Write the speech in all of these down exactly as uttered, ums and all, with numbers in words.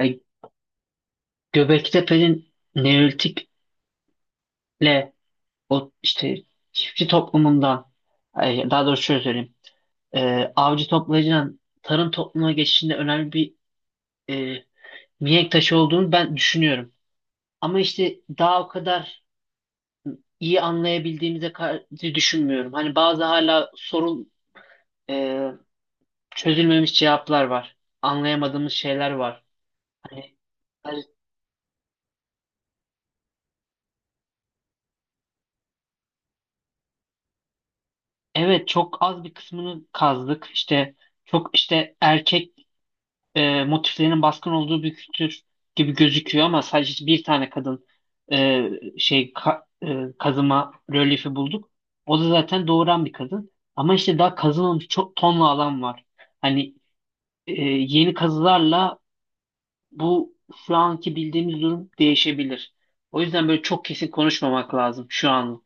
Yani Göbektepe'nin Neolitik'le o işte çiftçi toplumundan ay, daha doğrusu şöyle söyleyeyim e, avcı toplayıcıdan tarım toplumuna geçişinde önemli bir e, mihenk taşı olduğunu ben düşünüyorum. Ama işte daha o kadar iyi anlayabildiğimize karşı düşünmüyorum. Hani bazı hala sorun e, çözülmemiş cevaplar var. Anlayamadığımız şeyler var. Hani evet, çok az bir kısmını kazdık. İşte çok işte erkek e, motiflerinin baskın olduğu bir kültür gibi gözüküyor ama sadece bir tane kadın e, şey ka- e, kazıma rölyefi bulduk. O da zaten doğuran bir kadın. Ama işte daha kazılmamış çok tonla alan var. Hani e, yeni kazılarla bu şu anki bildiğimiz durum değişebilir. O yüzden böyle çok kesin konuşmamak lazım şu an.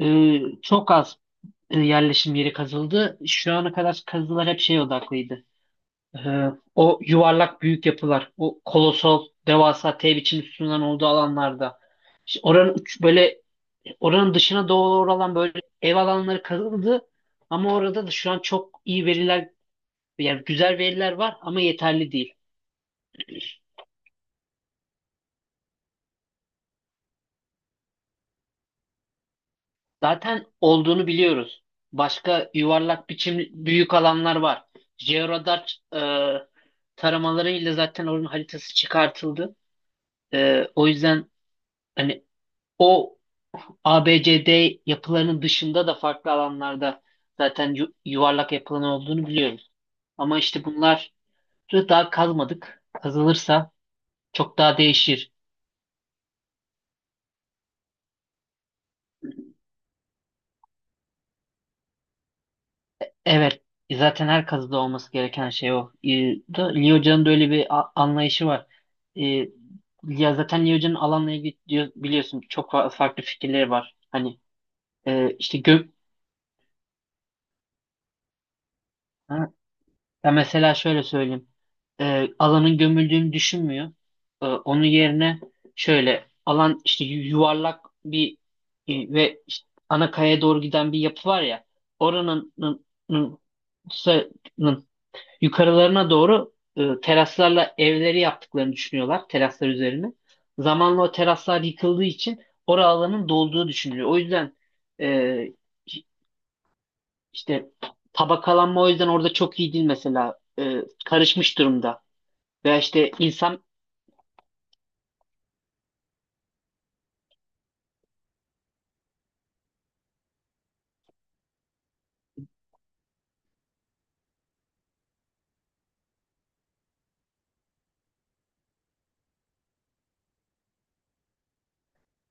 E, çok az e, yerleşim yeri kazıldı. Şu ana kadar kazılar hep şey odaklıydı. Ee, o yuvarlak büyük yapılar, o kolosal devasa T biçim sütunların olduğu alanlarda işte oranın uç- böyle oranın dışına doğru olan böyle ev alanları kazıldı ama orada da şu an çok iyi veriler, yani güzel veriler var ama yeterli değil. Zaten olduğunu biliyoruz. Başka yuvarlak biçim büyük alanlar var. Georadar e, taramalarıyla zaten oranın haritası çıkartıldı. E, o yüzden hani o A B C D yapılarının dışında da farklı alanlarda zaten yu- yuvarlak yapılan olduğunu biliyoruz. Ama işte bunları daha kazmadık. Kazılırsa çok daha değişir. Evet, zaten her kazıda olması gereken şey o. Ee, da Lee Hoca'nın da öyle bir a- anlayışı var. Ee, Ya zaten Lee Hoca'nın alanla ilgili diyor- biliyorsun, çok fa- farklı fikirleri var. Hani e, işte gök. Ya mesela şöyle söyleyeyim. Ee, alanın gömüldüğünü düşünmüyor. Ee, onun yerine şöyle alan işte yu- yuvarlak bir e, ve işte ana kayaya doğru giden bir yapı var ya, oranın nın- nın- sa- nın yukarılarına doğru e, teraslarla evleri yaptıklarını düşünüyorlar, teraslar üzerine. Zamanla o teraslar yıkıldığı için orada alanın dolduğu düşünülüyor. O yüzden e, işte tabakalanma o yüzden orada çok iyi değil mesela. Ee, karışmış durumda. Veya işte insan,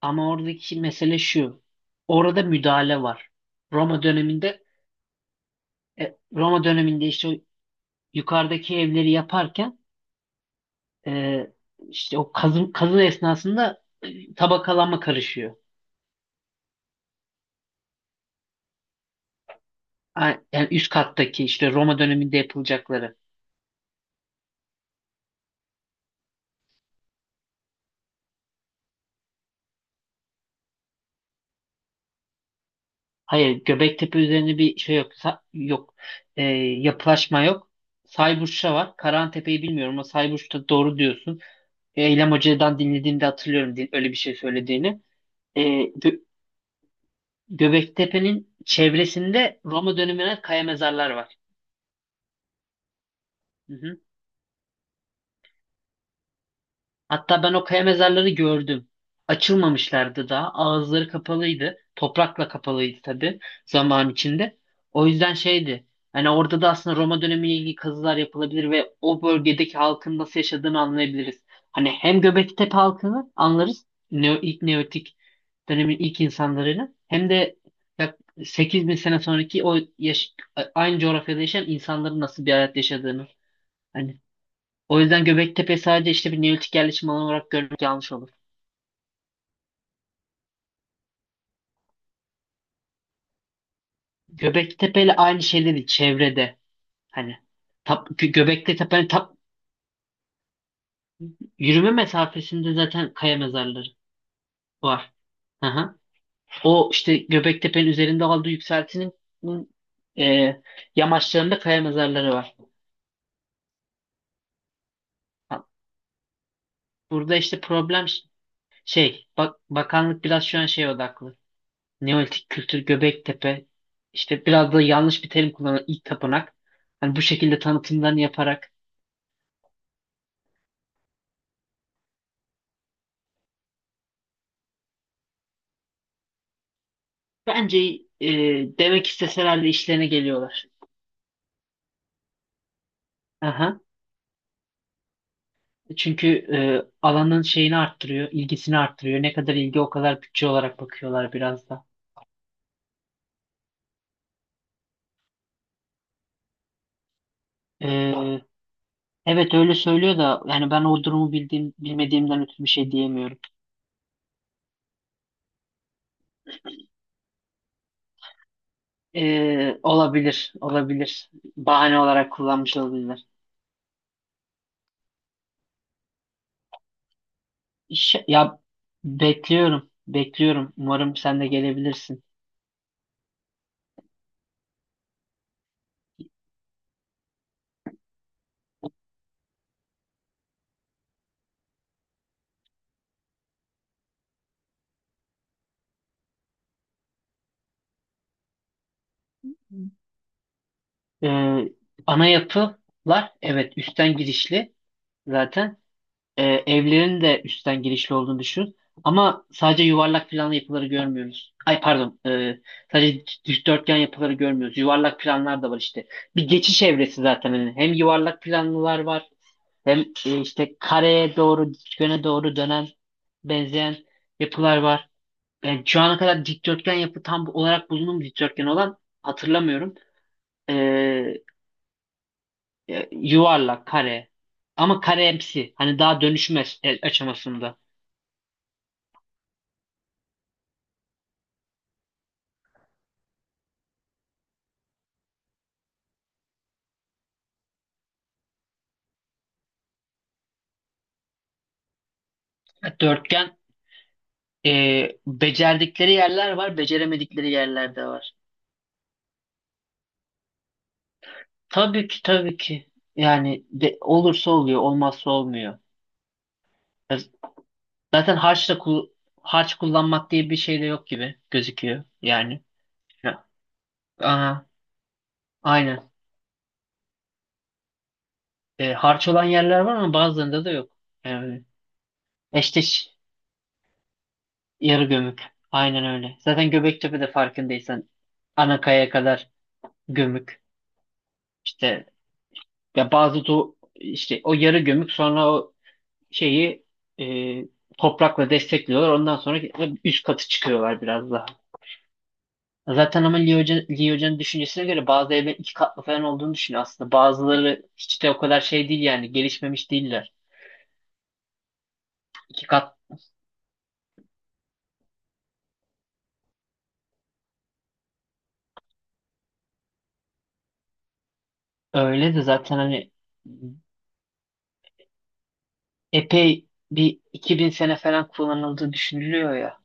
ama oradaki mesele şu. Orada müdahale var. Roma döneminde, e, Roma döneminde işte o yukarıdaki evleri yaparken, e, işte o kazı, kazı esnasında e, tabakalanma karışıyor. A- Yani üst kattaki işte Roma döneminde yapılacakları. Hayır, Göbektepe üzerinde bir şey yok. Sa- yok. Ee, Yapılaşma yok. Sayburç'ta var. Karahantepe'yi bilmiyorum ama Sayburç'ta doğru diyorsun. E, Eylem Hoca'dan dinlediğimde hatırlıyorum din- öyle bir şey söylediğini. Ee, Gö- Göbektepe'nin çevresinde Roma dönemine kaya mezarlar var. Hı hı. Hatta ben o kaya mezarları gördüm. Açılmamışlardı daha. Ağızları kapalıydı. Toprakla kapalıydı tabii, zaman içinde. O yüzden şeydi. Hani orada da aslında Roma dönemiyle ilgili kazılar yapılabilir ve o bölgedeki halkın nasıl yaşadığını anlayabiliriz. Hani hem Göbektepe halkını anlarız. Neo, ilk Neolitik dönemin ilk insanlarını, hem de yak sekiz bin sene sonraki o yaş- aynı coğrafyada yaşayan insanların nasıl bir hayat yaşadığını. Hani o yüzden Göbektepe sadece işte bir neolitik yerleşim alanı olarak görmek yanlış olur. Göbektepe ile aynı şey değil çevrede. Hani tap, Gö- Göbektepe'nin tap, yürüme mesafesinde zaten kaya mezarları var. Aha. O işte Göbektepe'nin üzerinde aldığı yükseltinin e, yamaçlarında kaya mezarları var. Ha. Burada işte problem ş- şey, bak, bakanlık biraz şu an şeye odaklı. Neolitik kültür, Göbektepe, işte biraz da yanlış bir terim kullanan ilk tapınak. Hani bu şekilde tanıtımlarını yaparak, bence e, demek isteseler de işlerine geliyorlar. Aha. Çünkü e, alanın şeyini arttırıyor, ilgisini arttırıyor. Ne kadar ilgi, o kadar bütçe olarak bakıyorlar biraz da. E, evet, öyle söylüyor da yani ben o durumu bildiğim, bilmediğimden ötürü bir şey diyemiyorum. E, olabilir, olabilir. Bahane olarak kullanmış olabilir. İş- ya Bekliyorum, bekliyorum. Umarım sen de gelebilirsin. Ee, Ana yapılar, evet, üstten girişli zaten. Ee, evlerin de üstten girişli olduğunu düşün. Ama sadece yuvarlak planlı yapıları görmüyoruz. Ay pardon, ee, sadece dikdörtgen yapıları görmüyoruz. Yuvarlak planlar da var işte. Bir geçiş evresi zaten. Hani hem yuvarlak planlılar var, hem e, işte kareye doğru, dikdörtgene doğru dönen, benzeyen yapılar var. Yani şu ana kadar dikdörtgen yapı tam olarak bulunduğum, dikdörtgen olan, hatırlamıyorum. Ee, e, Yuvarlak, kare. Ama karemsi. Hani daha dönüşmez e, aşamasında. E, Dörtgen e, becerdikleri yerler var, beceremedikleri yerler de var. Tabii ki, tabii ki. Yani de, olursa oluyor, olmazsa olmuyor. Z- Zaten harçla kul- harç kullanmak diye bir şey de yok gibi gözüküyor. Yani. Ya. Aha, aynen. E, harç olan yerler var ama bazılarında da yok. Evet. Eşteş yarı gömük. Aynen öyle. Zaten Göbektepe de farkındaysan anakaya kadar gömük. İşte ya bazı do işte o yarı gömük, sonra o şeyi e, toprakla destekliyorlar. Ondan sonra üst katı çıkıyorlar biraz daha. Zaten ama Lee Hoca, Lee Hoca'nın düşüncesine göre bazı evlerin iki katlı falan olduğunu düşünüyor aslında. Bazıları hiç de o kadar şey değil, yani gelişmemiş değiller. İki kat Öyle de zaten, hani epey bir iki bin sene falan kullanıldığı düşünülüyor ya.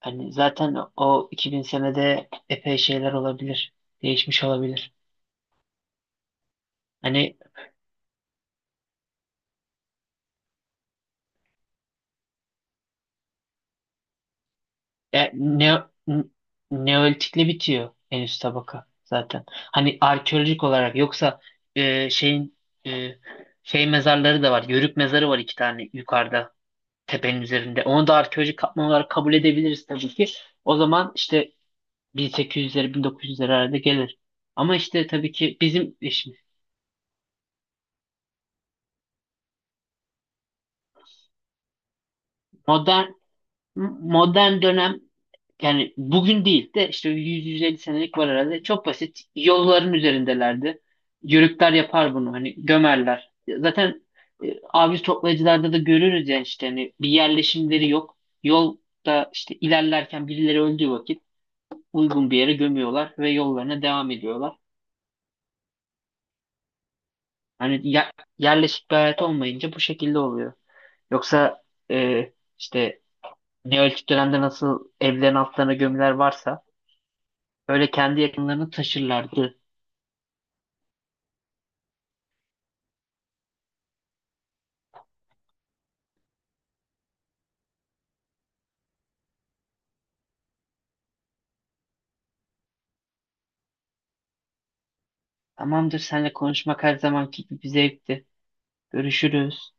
Hani zaten o iki bin senede epey şeyler olabilir. Değişmiş olabilir. Hani e, ne, n- Neolitikle bitiyor en üst tabaka zaten. Hani arkeolojik olarak, yoksa e, şeyin e, şey mezarları da var. Yörük mezarı var, iki tane, yukarıda tepenin üzerinde. Onu da arkeolojik katman olarak kabul edebiliriz tabii ki. O zaman işte bin sekiz yüzlere, bin dokuz yüzlere arada gelir. Ama işte tabii ki bizim işimiz. Modern modern dönem, yani bugün değil de işte yüz yüz elli senelik var herhalde. Çok basit. Yolların üzerindelerdi. Yörükler yapar bunu. Hani gömerler. Zaten e, avcı toplayıcılarda da görürüz ya, işte hani bir yerleşimleri yok. Yolda işte ilerlerken, birileri öldüğü vakit uygun bir yere gömüyorlar ve yollarına devam ediyorlar. Hani ya- yerleşik bir hayat olmayınca bu şekilde oluyor. Yoksa e, işte Neolitik dönemde nasıl evlerin altlarına gömüler varsa, böyle kendi yakınlarını taşırlardı. Tamamdır, seninle konuşmak her zamanki gibi bir zevkti. Görüşürüz.